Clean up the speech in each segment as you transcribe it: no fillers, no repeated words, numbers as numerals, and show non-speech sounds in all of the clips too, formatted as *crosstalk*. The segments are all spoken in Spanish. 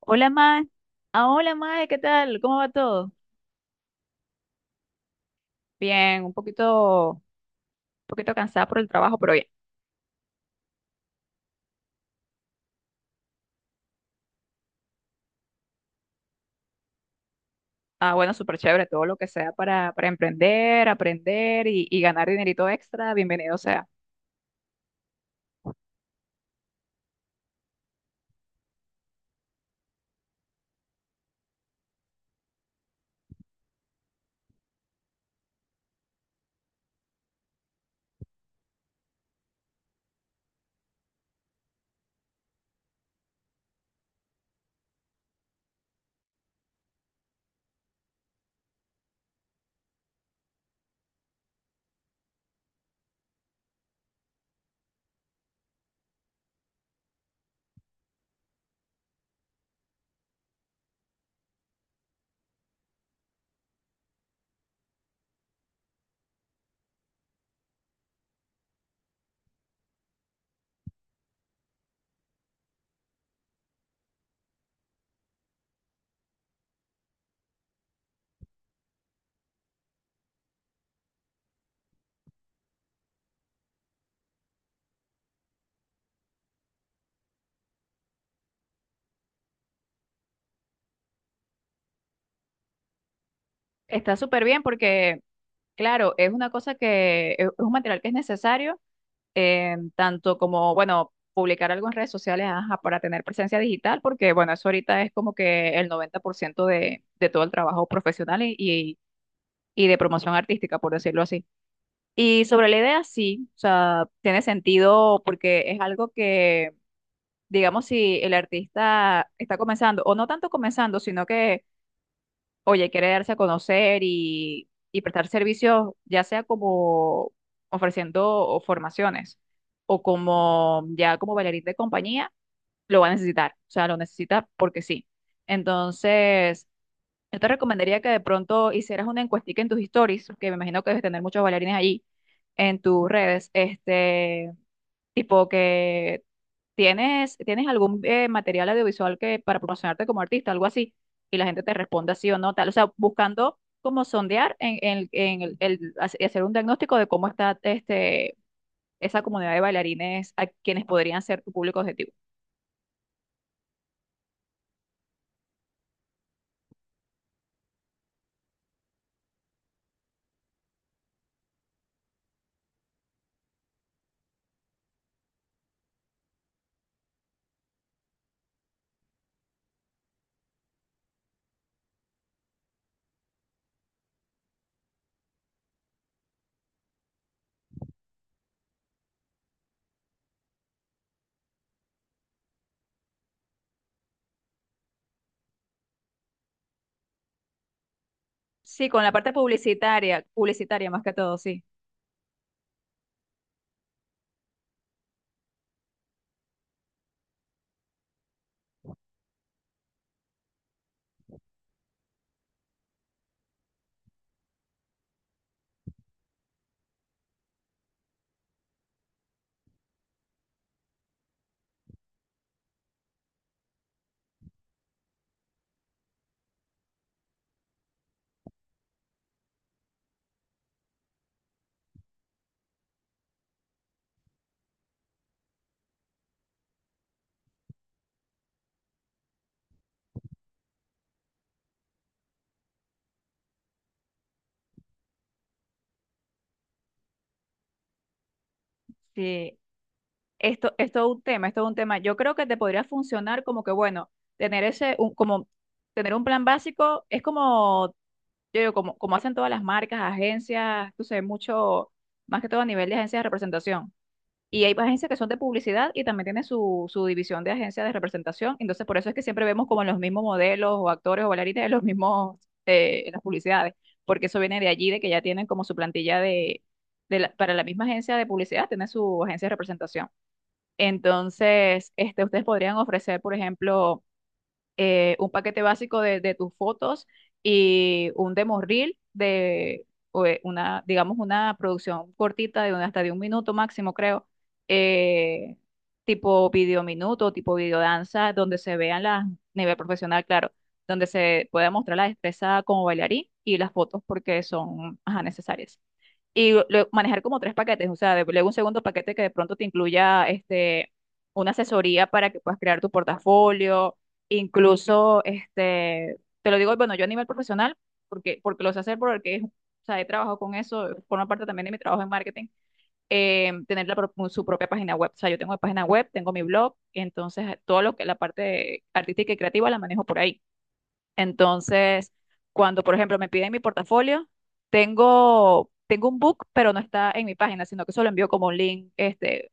Hola, Mae. Ah, hola, Mae, ¿qué tal? ¿Cómo va todo? Bien, un poquito cansada por el trabajo, pero bien. Ah, bueno, súper chévere, todo lo que sea para emprender, aprender y ganar dinerito extra, bienvenido sea. Está súper bien porque, claro, es una cosa que es un material que es necesario, tanto como, bueno, publicar algo en redes sociales, ajá, para tener presencia digital, porque, bueno, eso ahorita es como que el 90% de todo el trabajo profesional y de promoción artística, por decirlo así. Y sobre la idea, sí, o sea, tiene sentido porque es algo que, digamos, si el artista está comenzando, o no tanto comenzando, sino que, oye, quiere darse a conocer y prestar servicios, ya sea como ofreciendo o formaciones o como ya como bailarín de compañía, lo va a necesitar, o sea, lo necesita porque sí. Entonces, yo te recomendaría que de pronto hicieras una encuestica en tus stories, que me imagino que debes tener muchos bailarines allí, en tus redes, este, tipo que tienes algún material audiovisual que para promocionarte como artista, algo así, y la gente te responda sí o no, tal, o sea, buscando como sondear en el- hace- hacer un diagnóstico de cómo está este, esa comunidad de bailarines a quienes podrían ser tu público objetivo. Sí, con la parte publicitaria, publicitaria más que todo, sí. Sí. Esto es todo un tema, esto es todo un tema. Yo creo que te podría funcionar como que, bueno, tener ese, como tener un plan básico es como, yo digo, como, hacen todas las marcas, agencias, tú sabes, mucho, más que todo a nivel de agencias de representación. Y hay agencias que son de publicidad y también tienen su división de agencias de representación. Entonces, por eso es que siempre vemos como los mismos modelos o actores o bailarinas en *laughs* los mismos, en las publicidades, porque eso viene de allí, de que ya tienen como su plantilla para la misma agencia de publicidad, tiene su agencia de representación. Entonces, este, ustedes podrían ofrecer, por ejemplo, un paquete básico de tus fotos y un demo reel una, digamos, una producción cortita hasta de un minuto máximo, creo, eh, tipo video minuto, tipo video danza, donde se vean las, nivel profesional, claro, donde se pueda mostrar la destreza como bailarín y las fotos porque son, ajá, necesarias y manejar como tres paquetes, o sea, luego un segundo paquete que de pronto te incluya este, una asesoría para que puedas crear tu portafolio, incluso, este, te lo digo, bueno, yo a nivel profesional, porque lo sé hacer, porque o sea, he trabajado con eso, forma parte también de mi trabajo en marketing, tener su propia página web, o sea, yo tengo mi página web, tengo mi blog, entonces todo lo que la parte artística y creativa la manejo por ahí. Entonces, cuando, por ejemplo, me piden mi portafolio, tengo un book, pero no está en mi página, sino que solo envío como un link, este,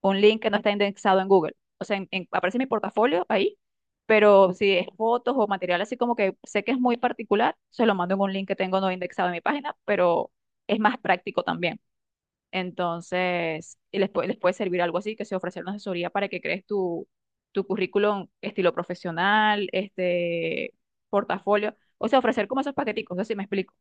un link que no está indexado en Google. O sea, aparece mi portafolio ahí, pero si es fotos o material así como que sé que es muy particular, se lo mando en un link que tengo no indexado en mi página, pero es más práctico también. Entonces, y les puede servir algo así, que se ofrecer una asesoría para que crees tu, currículum estilo profesional, este portafolio, o sea, ofrecer como esos paqueticos, no sé si me explico.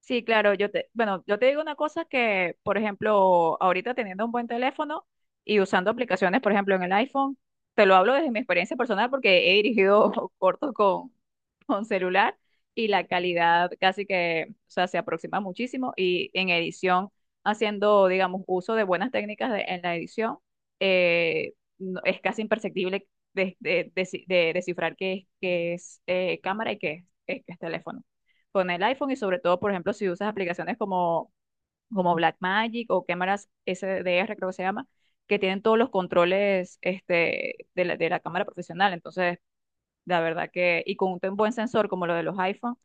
Sí, claro, bueno, yo te digo una cosa que, por ejemplo, ahorita teniendo un buen teléfono y usando aplicaciones, por ejemplo, en el iPhone, te lo hablo desde mi experiencia personal porque he dirigido *laughs* cortos con, celular y la calidad casi que, o sea, se aproxima muchísimo y en edición, haciendo, digamos, uso de buenas técnicas en la edición, es casi imperceptible de descifrar qué es, qué es, cámara y qué es teléfono con el iPhone y sobre todo, por ejemplo, si usas aplicaciones como, Blackmagic o cámaras SDR, creo que se llama, que tienen todos los controles este, de la cámara profesional. Entonces, la verdad que, y con un buen sensor como lo de los iPhone,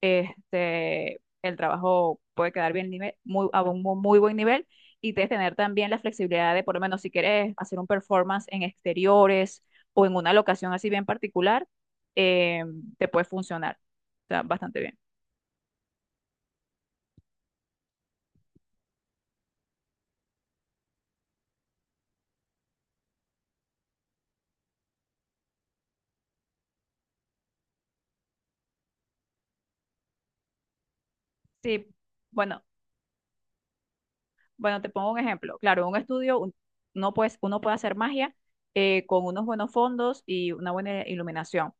este, el trabajo puede quedar bien nivel, muy, a un muy buen nivel y de tener también la flexibilidad de, por lo menos, si quieres hacer un performance en exteriores o en una locación así bien particular, eh, te puede funcionar. O sea, bastante bien. Sí, bueno, bueno, te pongo un ejemplo. Claro, un estudio, uno, pues, uno puede hacer magia, con unos buenos fondos y una buena iluminación.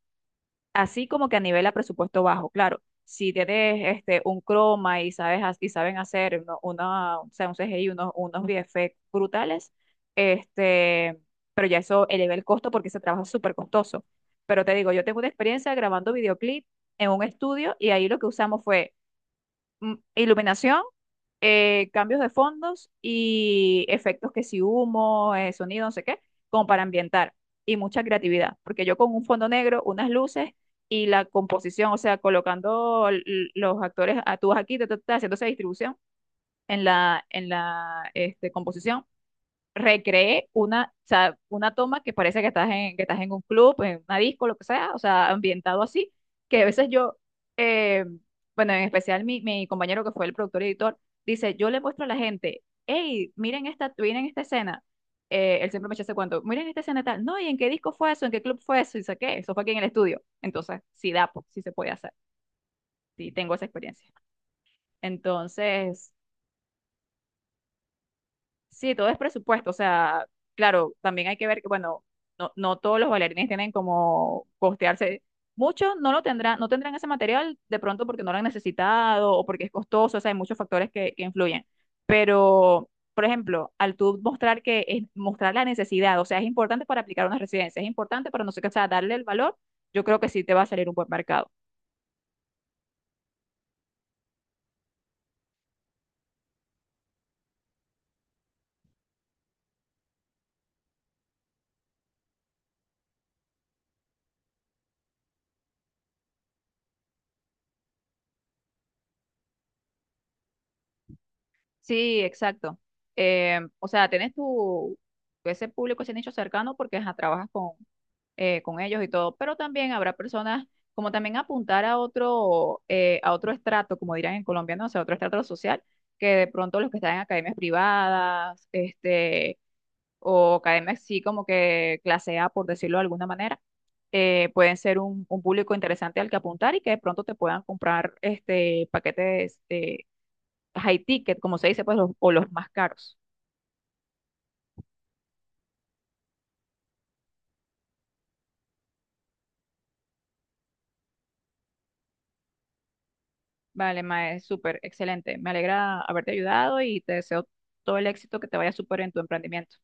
Así como que a nivel a presupuesto bajo, claro. Si tienes este, un croma y y saben hacer una, o sea, un CGI, unos, VFX brutales, este, pero ya eso eleva el costo porque ese trabajo es súper costoso. Pero te digo, yo tengo una experiencia grabando videoclip en un estudio y ahí lo que usamos fue iluminación, cambios de fondos y efectos que si humo, sonido, no sé qué, como para ambientar. Y mucha creatividad, porque yo con un fondo negro, unas luces y la composición, o sea, colocando los actores actúas aquí, ta, ta, ta, haciendo esa distribución en la, este, composición recreé una, o sea, una toma que parece que estás en un club, en una disco, lo que sea, o sea, ambientado así, que a veces yo, eh, bueno, en especial mi, compañero que fue el productor y editor, dice, yo le muestro a la gente, hey, miren esta escena, él siempre me echa ese cuento, miren esta escena tal, no, ¿y en qué disco fue eso? ¿En qué club fue eso? Y sé qué, eso fue aquí en el estudio. Entonces, sí da, pues, sí se puede hacer, sí tengo esa experiencia. Entonces, sí, todo es presupuesto, o sea, claro, también hay que ver que, bueno, no, no todos los bailarines tienen como costearse. Muchos no lo tendrán, no tendrán ese material de pronto porque no lo han necesitado o porque es costoso, o sea, hay muchos factores que influyen. Pero, por ejemplo, al tú mostrar que es mostrar la necesidad, o sea, es importante para aplicar una residencia, es importante para no sé qué, o sea, darle el valor, yo creo que sí te va a salir un buen mercado. Sí, exacto. O sea, tienes tu, ese público, ese nicho cercano porque ajá, trabajas con ellos y todo, pero también habrá personas como también apuntar a otro estrato, como dirán en Colombia, no sé, otro estrato social, que de pronto los que están en academias privadas, este, o academias sí como que clase A, por decirlo de alguna manera, pueden ser un, público interesante al que apuntar y que de pronto te puedan comprar este paquetes high ticket, como se dice, pues, o los más caros. Vale, Mae, súper, excelente. Me alegra haberte ayudado y te deseo todo el éxito que te vaya súper en tu emprendimiento.